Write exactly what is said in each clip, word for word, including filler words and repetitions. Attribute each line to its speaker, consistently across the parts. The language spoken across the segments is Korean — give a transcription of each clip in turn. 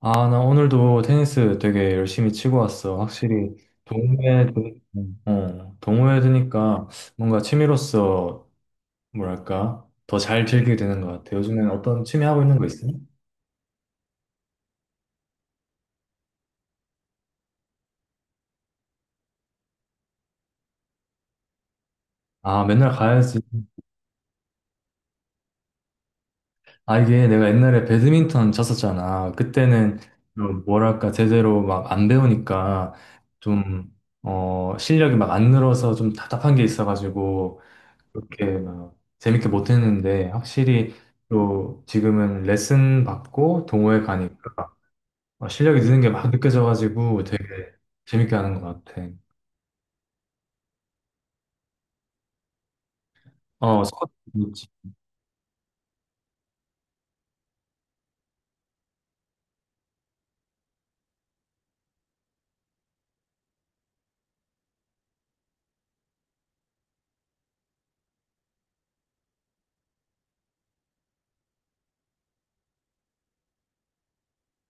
Speaker 1: 아, 나 오늘도 테니스 되게 열심히 치고 왔어. 확실히 동호회, 드- 어, 동호회 드니까 뭔가 취미로서 뭐랄까 더 잘 즐기게 되는 것 같아. 요즘엔 어떤 취미 하고 있는 거 있어? 아, 맨날 가야지. 아, 이게 내가 옛날에 배드민턴 쳤었잖아. 그때는 좀 뭐랄까 제대로 막 안 배우니까 좀, 어, 실력이 막 안 늘어서 좀 답답한 게 있어가지고 그렇게 막 재밌게 못했는데 확실히 또 지금은 레슨 받고 동호회 가니까 어, 실력이 느는 게 막 느껴져가지고 되게 재밌게 하는 것 같아. 어, 스쿼트. 있지.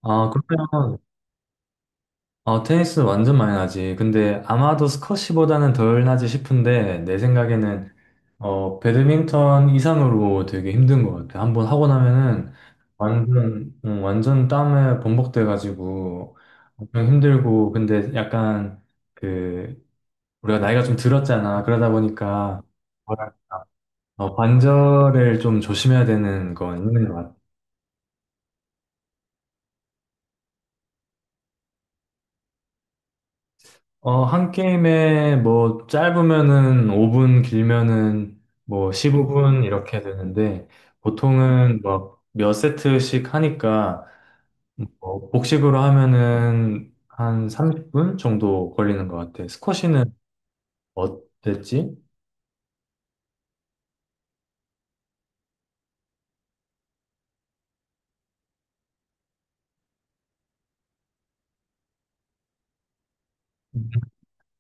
Speaker 1: 아, 그러면 어, 테니스 완전 많이 나지. 근데 아마도 스쿼시보다는 덜 나지 싶은데, 내 생각에는, 어, 배드민턴 이상으로 되게 힘든 것 같아. 한번 하고 나면은, 완전, 음, 완전 땀에 번복돼가지고, 엄청 힘들고, 근데 약간, 그, 우리가 나이가 좀 들었잖아. 그러다 보니까, 뭐랄까, 어, 관절을 좀 조심해야 되는 건 있는 것 같아. 어, 한 게임에 뭐 짧으면은 오 분, 길면은 뭐 십오 분 이렇게 되는데 보통은 뭐 몇 세트씩 하니까 뭐 복식으로 하면은 한 삼십 분 정도 걸리는 것 같아. 스쿼시는 어땠지? 음.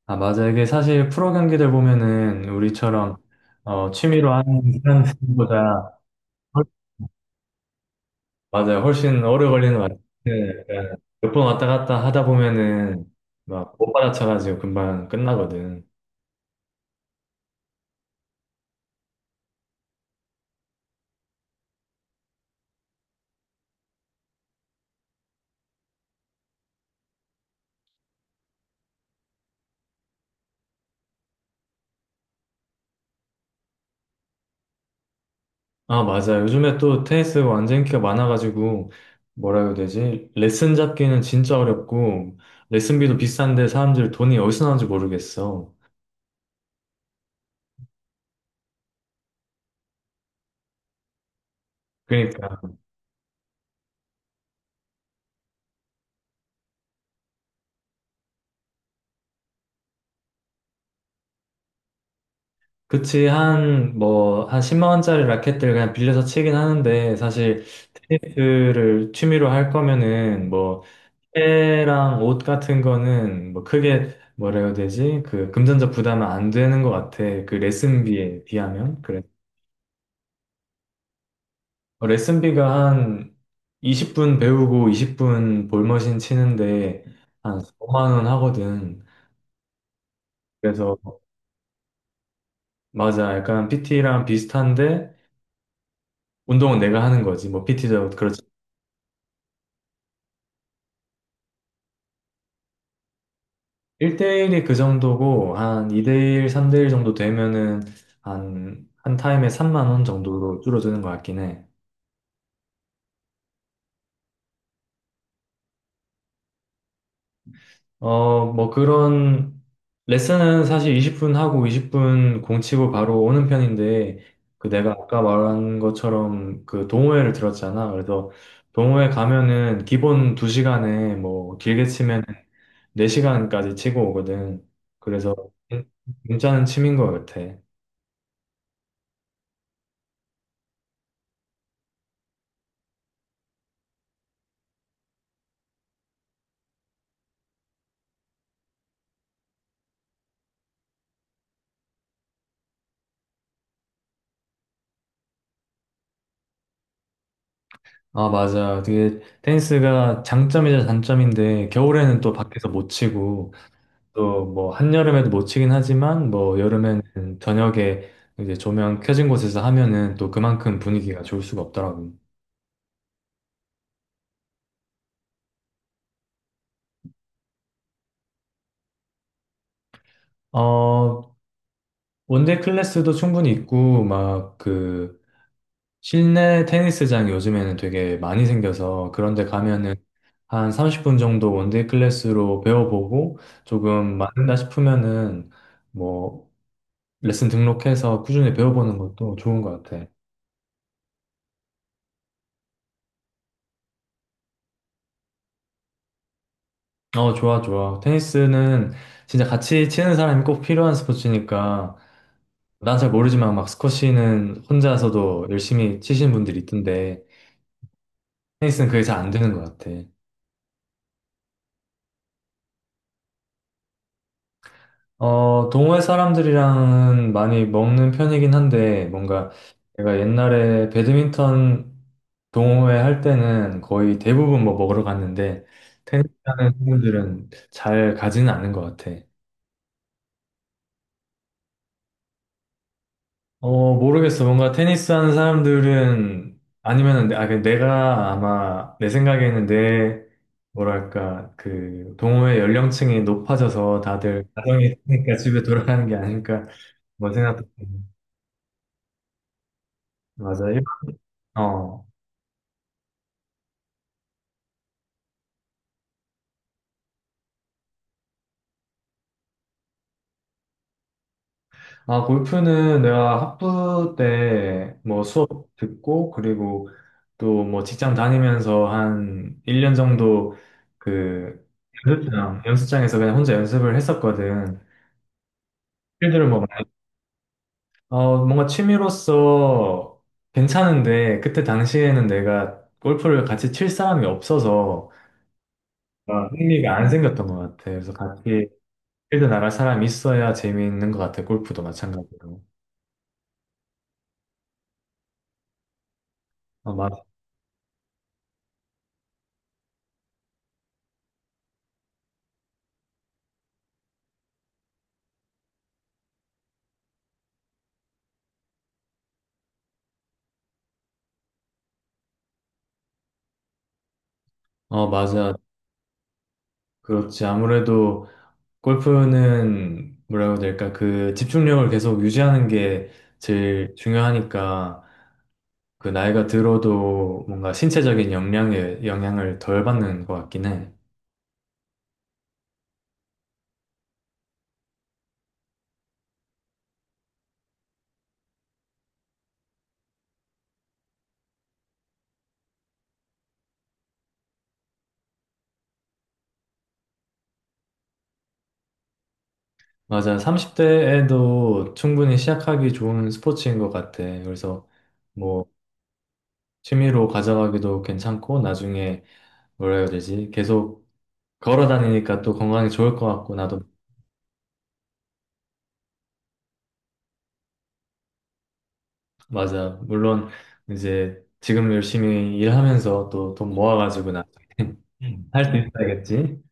Speaker 1: 아, 맞아. 이게 사실 프로 경기들 보면은 우리처럼 어, 취미로 하는 사람들보다 맞아요. 훨씬 오래 걸리는 것 같아요. 몇번 왔다 갔다 하다 보면은 막 못 받아쳐가지고 금방 끝나거든. 아, 맞아요. 요즘에 또 테니스 완전 인기가 많아가지고 뭐라 해야 되지? 레슨 잡기는 진짜 어렵고 레슨비도 비싼데 사람들 돈이 어디서 나오는지 모르겠어. 그러니까 그치 한 뭐 한 십만 원짜리 라켓들 그냥 빌려서 치긴 하는데 사실 테니스를 취미로 할 거면은 뭐 때랑 옷 같은 거는 뭐 크게 뭐라 해야 되지? 그 금전적 부담은 안 되는 것 같아. 그 레슨비에 비하면. 그래. 어, 레슨비가 한 이십 분 배우고 이십 분 볼머신 치는데 한 오만 원 하거든. 그래서 맞아. 약간 피티랑 비슷한데 운동은 내가 하는 거지. 뭐 피티도 그렇지. 일 대일이 그 정도고 한 이 대일, 삼 대일 정도 되면은 한, 한 타임에 삼만 원 정도로 줄어드는 것 같긴 해. 어, 뭐 그런 레슨은 사실 이십 분 하고 이십 분 공치고 바로 오는 편인데 그 내가 아까 말한 것처럼 그 동호회를 들었잖아. 그래서 동호회 가면은 기본 두 시간에 뭐 길게 치면 네 시간까지 치고 오거든. 그래서 괜- 괜찮은 취미인 것 같아. 아, 맞아. 그게 테니스가 장점이자 단점인데 겨울에는 또 밖에서 못 치고 또 뭐 한여름에도 못 치긴 하지만 뭐 여름에는 저녁에 이제 조명 켜진 곳에서 하면은 또 그만큼 분위기가 좋을 수가 없더라고요. 어, 원데이 클래스도 충분히 있고 막 그 실내 테니스장이 요즘에는 되게 많이 생겨서 그런 데 가면은 한 삼십 분 정도 원데이 클래스로 배워보고 조금 맞는다 싶으면은 뭐 레슨 등록해서 꾸준히 배워보는 것도 좋은 것 같아. 어, 좋아, 좋아. 테니스는 진짜 같이 치는 사람이 꼭 필요한 스포츠니까, 난 잘 모르지만 막 스쿼시는 혼자서도 열심히 치시는 분들이 있던데, 테니스는 그게 잘 안 되는 것 같아. 어, 동호회 사람들이랑은 많이 먹는 편이긴 한데, 뭔가 내가 옛날에 배드민턴 동호회 할 때는 거의 대부분 뭐 먹으러 갔는데, 테니스 하는 친구들은 잘 가지는 않는 것 같아. 어, 모르겠어. 뭔가 테니스 하는 사람들은 아니면은 아, 그 내가 아마 내 생각에는 내 뭐랄까 그 동호회 연령층이 높아져서 다들 가정이 있으니까 집에 돌아가는 게 아닐까 뭐 생각도 들고. 맞아요. 어. 아, 골프는 내가 학부 때 뭐 수업 듣고 그리고 또 뭐 직장 다니면서 한 일 년 정도 그 연습장 연습장에서 그냥 혼자 연습을 했었거든. 필드를 뭐 어, 뭔가 취미로서 괜찮은데, 그때 당시에는 내가 골프를 같이 칠 사람이 없어서 아, 흥미가 안 생겼던 것 같아. 그래서 같이 필드 나갈 사람이 있어야 재미있는 것 같아. 골프도 마찬가지로. 어, 맞, 어, 맞아. 그렇지. 아무래도 골프는 뭐라고 해야 될까? 그 집중력을 계속 유지하는 게 제일 중요하니까 그 나이가 들어도 뭔가 신체적인 역량에 영향을 덜 받는 것 같긴 해. 맞아. 삼십 대에도 충분히 시작하기 좋은 스포츠인 것 같아. 그래서 음. 뭐 취미로 가져가기도 괜찮고 나중에 뭐라 해야 되지? 계속 걸어 다니니까 또 건강에 좋을 것 같고 나도 맞아. 물론 이제 지금 열심히 일하면서 또 돈 모아가지고 나 음. 할수 있어야겠지.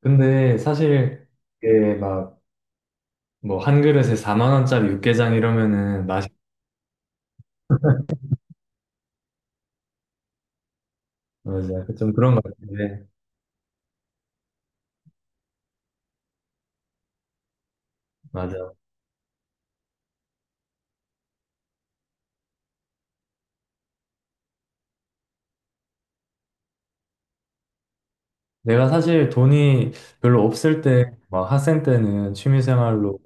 Speaker 1: 근데 사실 이게 막 뭐 한 그릇에 사만 원짜리 육개장 이러면은 맛이 맞아. 좀 그런 것 같은데. 맞아. 내가 사실 돈이 별로 없을 때, 음. 막 학생 때는 취미 생활로,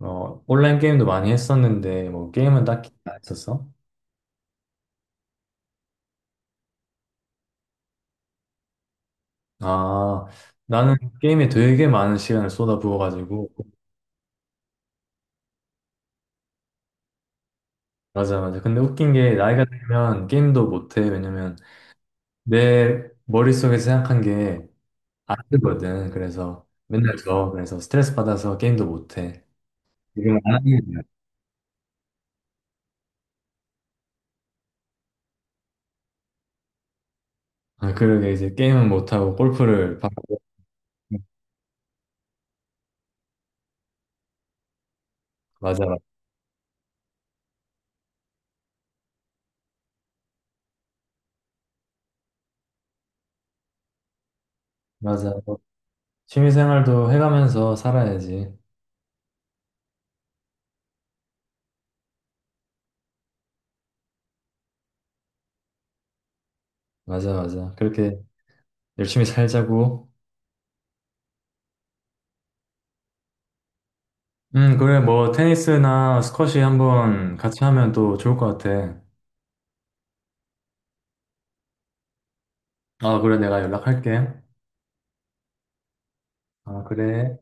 Speaker 1: 어, 온라인 게임도 많이 했었는데, 뭐, 게임은 딱히 안 했었어? 아, 나는 게임에 되게 많은 시간을 쏟아부어가지고, 맞아, 맞아. 근데 웃긴 게, 나이가 들면 게임도 못해. 왜냐면, 내 머릿속에서 생각한 게 안 되거든. 그래서, 맨날 저, 그래서 스트레스 받아서 게임도 못해. 지금 안 하는 거야. 아, 그러게, 이제 게임은 못하고, 골프를 받고, 맞아, 맞아. 취미생활도 해가면서 살아야지. 맞아, 맞아. 그렇게 열심히 살자고. 음, 그래, 뭐, 테니스나 스쿼시 한번 같이 하면 또 좋을 것 같아. 아, 그래, 내가 연락할게. 아, 그래.